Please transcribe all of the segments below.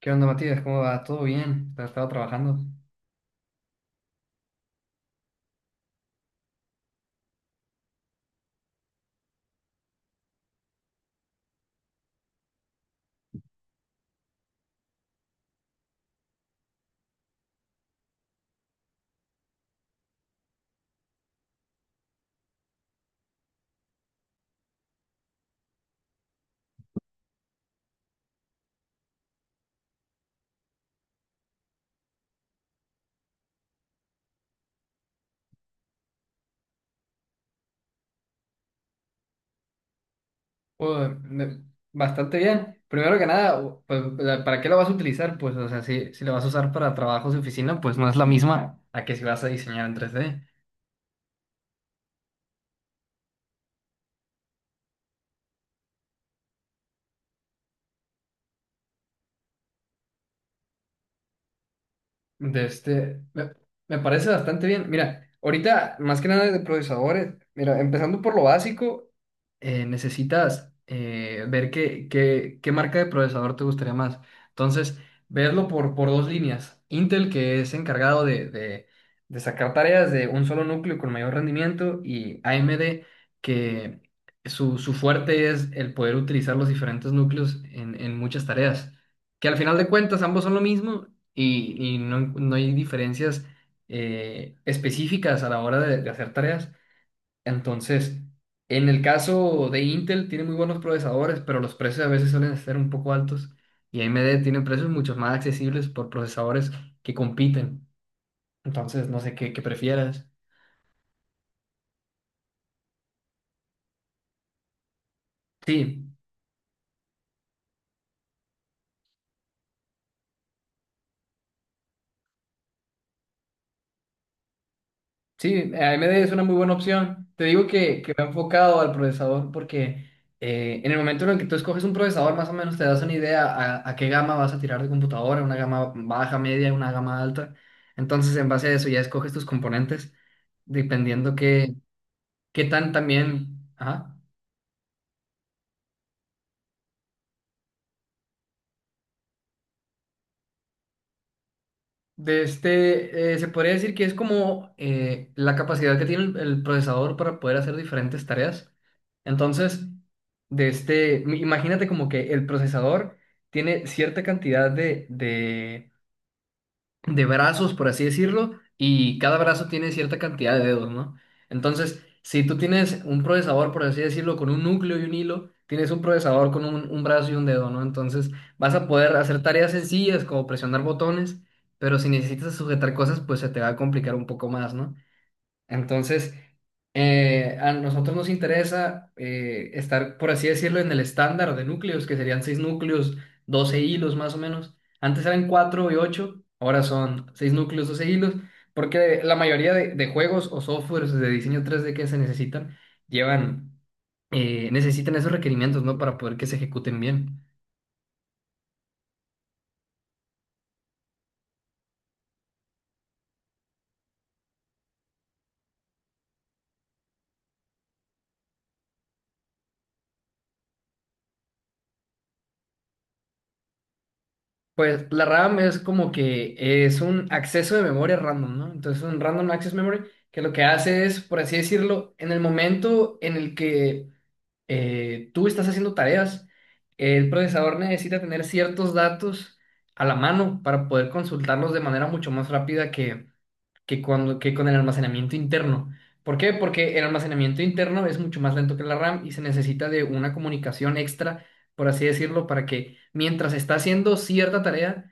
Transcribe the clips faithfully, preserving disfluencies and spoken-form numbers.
¿Qué onda, Matías? ¿Cómo va? ¿Todo bien? ¿Has estado trabajando? Pues, me- Bastante bien. Primero que nada, u- pues, la- ¿para qué lo vas a utilizar? Pues, o sea, si, si lo vas a usar para trabajos de oficina, pues no es la misma a que si vas a diseñar en tres d. De este, me, me parece bastante bien. Mira, ahorita, más que nada de procesadores, mira, empezando por lo básico, eh, necesitas eh, ver qué, qué, qué marca de procesador te gustaría más. Entonces, verlo por, por dos líneas. Intel, que es encargado de, de, de sacar tareas de un solo núcleo con mayor rendimiento, y A M D, que su, su fuerte es el poder utilizar los diferentes núcleos en, en muchas tareas, que al final de cuentas ambos son lo mismo, y, y no, no hay diferencias eh, específicas a la hora de, de hacer tareas. Entonces, en el caso de Intel, tiene muy buenos procesadores, pero los precios a veces suelen ser un poco altos y A M D tiene precios mucho más accesibles por procesadores que compiten. Entonces, no sé qué, qué prefieras. Sí. Sí, A M D es una muy buena opción. Te digo que, que me he enfocado al procesador porque eh, en el momento en el que tú escoges un procesador, más o menos te das una idea a, a qué gama vas a tirar de computadora, una gama baja, media, una gama alta. Entonces, en base a eso ya escoges tus componentes, dependiendo qué, qué tan también... Ajá. De este, eh, se podría decir que es como eh, la capacidad que tiene el, el procesador para poder hacer diferentes tareas. Entonces, de este, mi- imagínate como que el procesador tiene cierta cantidad de, de brazos, por así decirlo, y cada brazo tiene cierta cantidad de dedos, ¿no? Entonces, si tú tienes un procesador, por así decirlo, con un núcleo y un hilo, tienes un procesador con un, un brazo y un dedo, ¿no? Entonces, vas a poder hacer tareas sencillas como presionar botones, pero si necesitas sujetar cosas, pues se te va a complicar un poco más, ¿no? Entonces, eh, a nosotros nos interesa eh, estar, por así decirlo, en el estándar de núcleos, que serían seis núcleos, doce hilos más o menos. Antes eran cuatro y ocho, ahora son seis núcleos, doce hilos, porque la mayoría de, de juegos o softwares de diseño tres de que se necesitan llevan, eh, necesitan esos requerimientos, ¿no? Para poder que se ejecuten bien. Pues la RAM es como que es un acceso de memoria random, ¿no? Entonces un random access memory, que lo que hace es, por así decirlo, en el momento en el que eh, tú estás haciendo tareas, el procesador necesita tener ciertos datos a la mano para poder consultarlos de manera mucho más rápida que, que, cuando, que con el almacenamiento interno. ¿Por qué? Porque el almacenamiento interno es mucho más lento que la RAM y se necesita de una comunicación extra, por así decirlo, para que mientras está haciendo cierta tarea,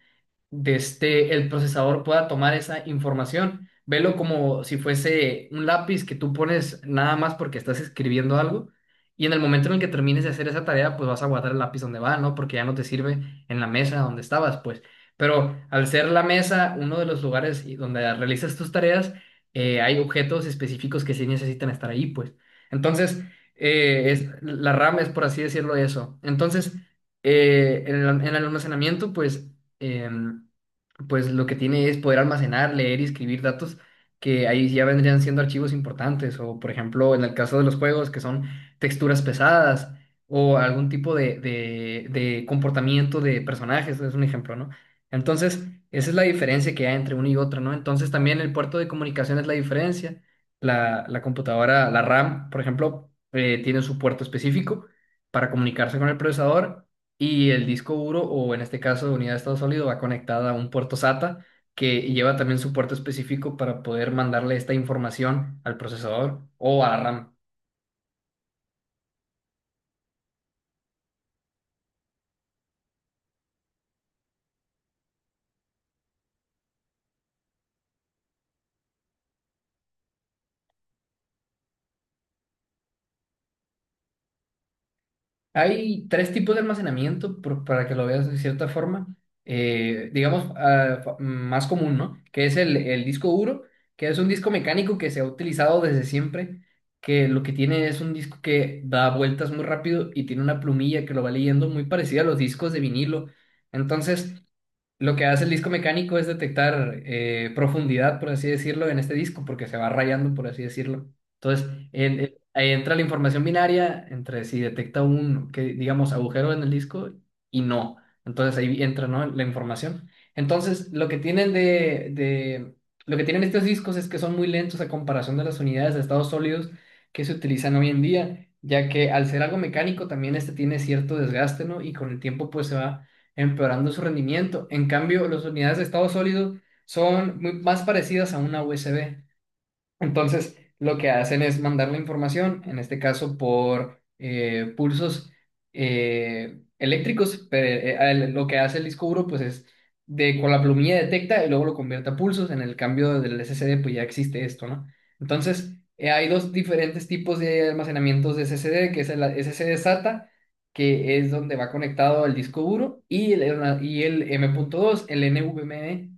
de este, el procesador pueda tomar esa información. Velo como si fuese un lápiz que tú pones nada más porque estás escribiendo algo, y en el momento en el que termines de hacer esa tarea, pues vas a guardar el lápiz donde va, ¿no? Porque ya no te sirve en la mesa donde estabas, pues. Pero al ser la mesa uno de los lugares y donde realizas tus tareas, eh, hay objetos específicos que sí necesitan estar ahí, pues. Entonces, eh, es, la RAM es, por así decirlo, eso. Entonces, eh, en el, en el almacenamiento, pues em, pues lo que tiene es poder almacenar, leer y escribir datos que ahí ya vendrían siendo archivos importantes, o por ejemplo, en el caso de los juegos, que son texturas pesadas o algún tipo de, de, de comportamiento de personajes, es un ejemplo, ¿no? Entonces, esa es la diferencia que hay entre uno y otro, ¿no? Entonces, también el puerto de comunicación es la diferencia. La, la computadora, la RAM, por ejemplo, eh, tiene su puerto específico para comunicarse con el procesador y el disco duro, o en este caso unidad de estado sólido, va conectada a un puerto SATA que lleva también su puerto específico para poder mandarle esta información al procesador o a la RAM. Hay tres tipos de almacenamiento, por- para que lo veas de cierta forma, eh, digamos, ah, fa- más común, ¿no? Que es el, el disco duro, que es un disco mecánico que se ha utilizado desde siempre, que lo que tiene es un disco que da vueltas muy rápido y tiene una plumilla que lo va leyendo muy parecida a los discos de vinilo. Entonces, lo que hace el disco mecánico es detectar eh, profundidad, por así decirlo, en este disco, porque se va rayando, por así decirlo. Entonces, en- en- ahí entra la información binaria entre si detecta un, que, digamos, agujero en el disco y no. Entonces ahí entra, ¿no?, la información. Entonces, lo que tienen de, de, lo que tienen estos discos es que son muy lentos a comparación de las unidades de estados sólidos que se utilizan hoy en día, ya que al ser algo mecánico también este tiene cierto desgaste, ¿no? Y con el tiempo pues se va empeorando su rendimiento. En cambio, las unidades de estado sólido son muy, más parecidas a una U S B. Entonces, lo que hacen es mandar la información, en este caso por eh, pulsos eh, eléctricos, pero eh, el- lo que hace el disco duro pues es de con la plumilla detecta y luego lo convierte a pulsos, en el cambio del S S D pues ya existe esto, ¿no? Entonces, eh, hay dos diferentes tipos de almacenamientos de S S D, que es el S S D SATA, que es donde va conectado el disco duro, y el, y el M.dos, el NVMe.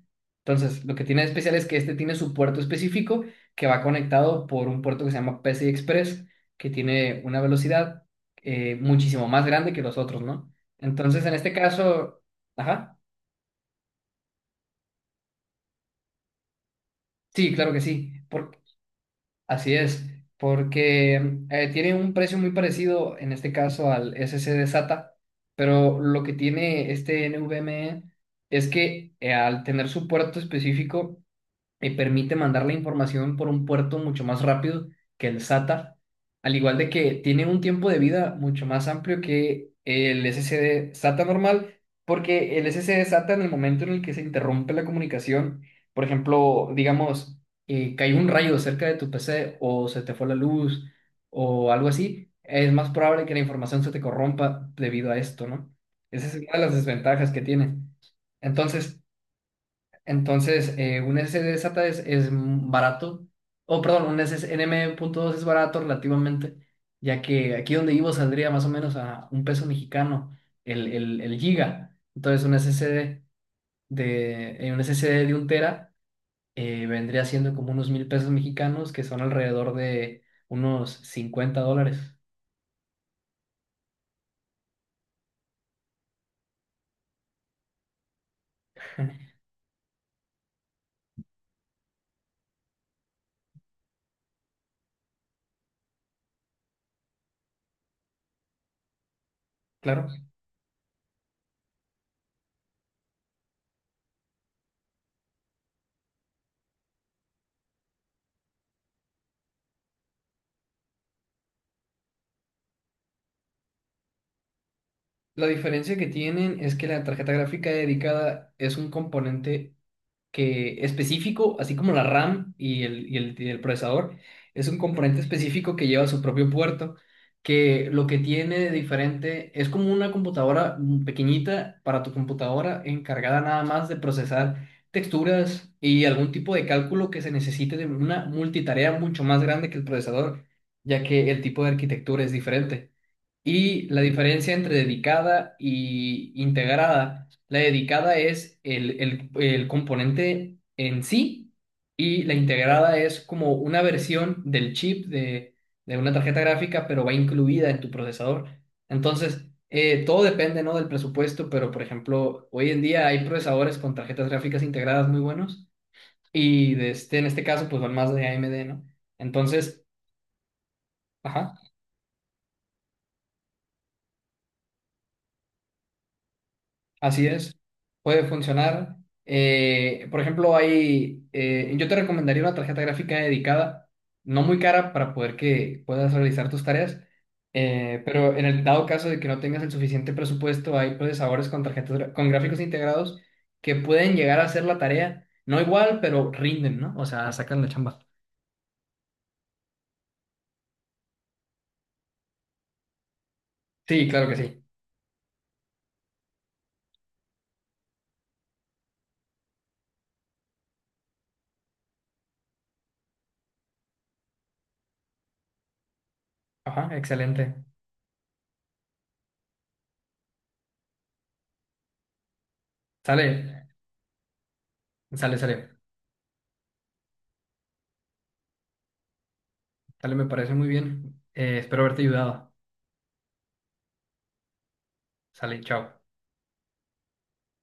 Entonces, lo que tiene de especial es que este tiene su puerto específico que va conectado por un puerto que se llama P S I Express, que tiene una velocidad eh, muchísimo más grande que los otros, ¿no? Entonces, en este caso, ajá, sí, claro que sí, por- así es, porque eh, tiene un precio muy parecido, en este caso, al S C de SATA, pero lo que tiene este NVMe es que, eh, al tener su puerto específico, y permite mandar la información por un puerto mucho más rápido que el SATA, al igual de que tiene un tiempo de vida mucho más amplio que el SSD SATA normal, porque el SSD SATA en el momento en el que se interrumpe la comunicación, por ejemplo, digamos, eh, cayó un rayo cerca de tu P C o se te fue la luz o algo así, es más probable que la información se te corrompa debido a esto, ¿no? Esa es una de las desventajas que tiene. Entonces, entonces, eh, un S S D SATA es, es barato, o perdón, un N M.dos es barato relativamente, ya que aquí donde vivo saldría más o menos a un peso mexicano el, el, el giga. Entonces, un S S D de, eh, un S S D de un tera eh, vendría siendo como unos mil pesos mexicanos, que son alrededor de unos cincuenta dólares. Claro. La diferencia que tienen es que la tarjeta gráfica dedicada es un componente que específico, así como la RAM y el, y el, y el procesador, es un componente específico que lleva su propio puerto, que lo que tiene de diferente es como una computadora, mm, pequeñita para tu computadora encargada nada más de procesar texturas y algún tipo de cálculo que se necesite de una multitarea mucho más grande que el procesador, ya que el tipo de arquitectura es diferente. Y la diferencia entre dedicada y integrada, la dedicada es el, el- el componente en sí, y la integrada es como una versión del chip de, de una tarjeta gráfica, pero va incluida en tu procesador. Entonces, eh, todo depende, ¿no?, del presupuesto, pero por ejemplo, hoy en día hay procesadores con tarjetas gráficas integradas muy buenos y de este, en este caso, pues van más de A M D, ¿no? Entonces, ajá. Así es, puede funcionar. Eh, por ejemplo, hay, eh, yo te recomendaría una tarjeta gráfica dedicada, no muy cara para poder que puedas realizar tus tareas, eh, pero en el dado caso de que no tengas el suficiente presupuesto, hay procesadores con tarjetas gra- con gráficos integrados que pueden llegar a hacer la tarea, no igual, pero rinden, ¿no? O sea, sacan la chamba. Sí, claro que sí. Ajá, excelente. Sale, sale, sale. Sale, me parece muy bien. Eh, espero haberte ayudado. Sale, chao.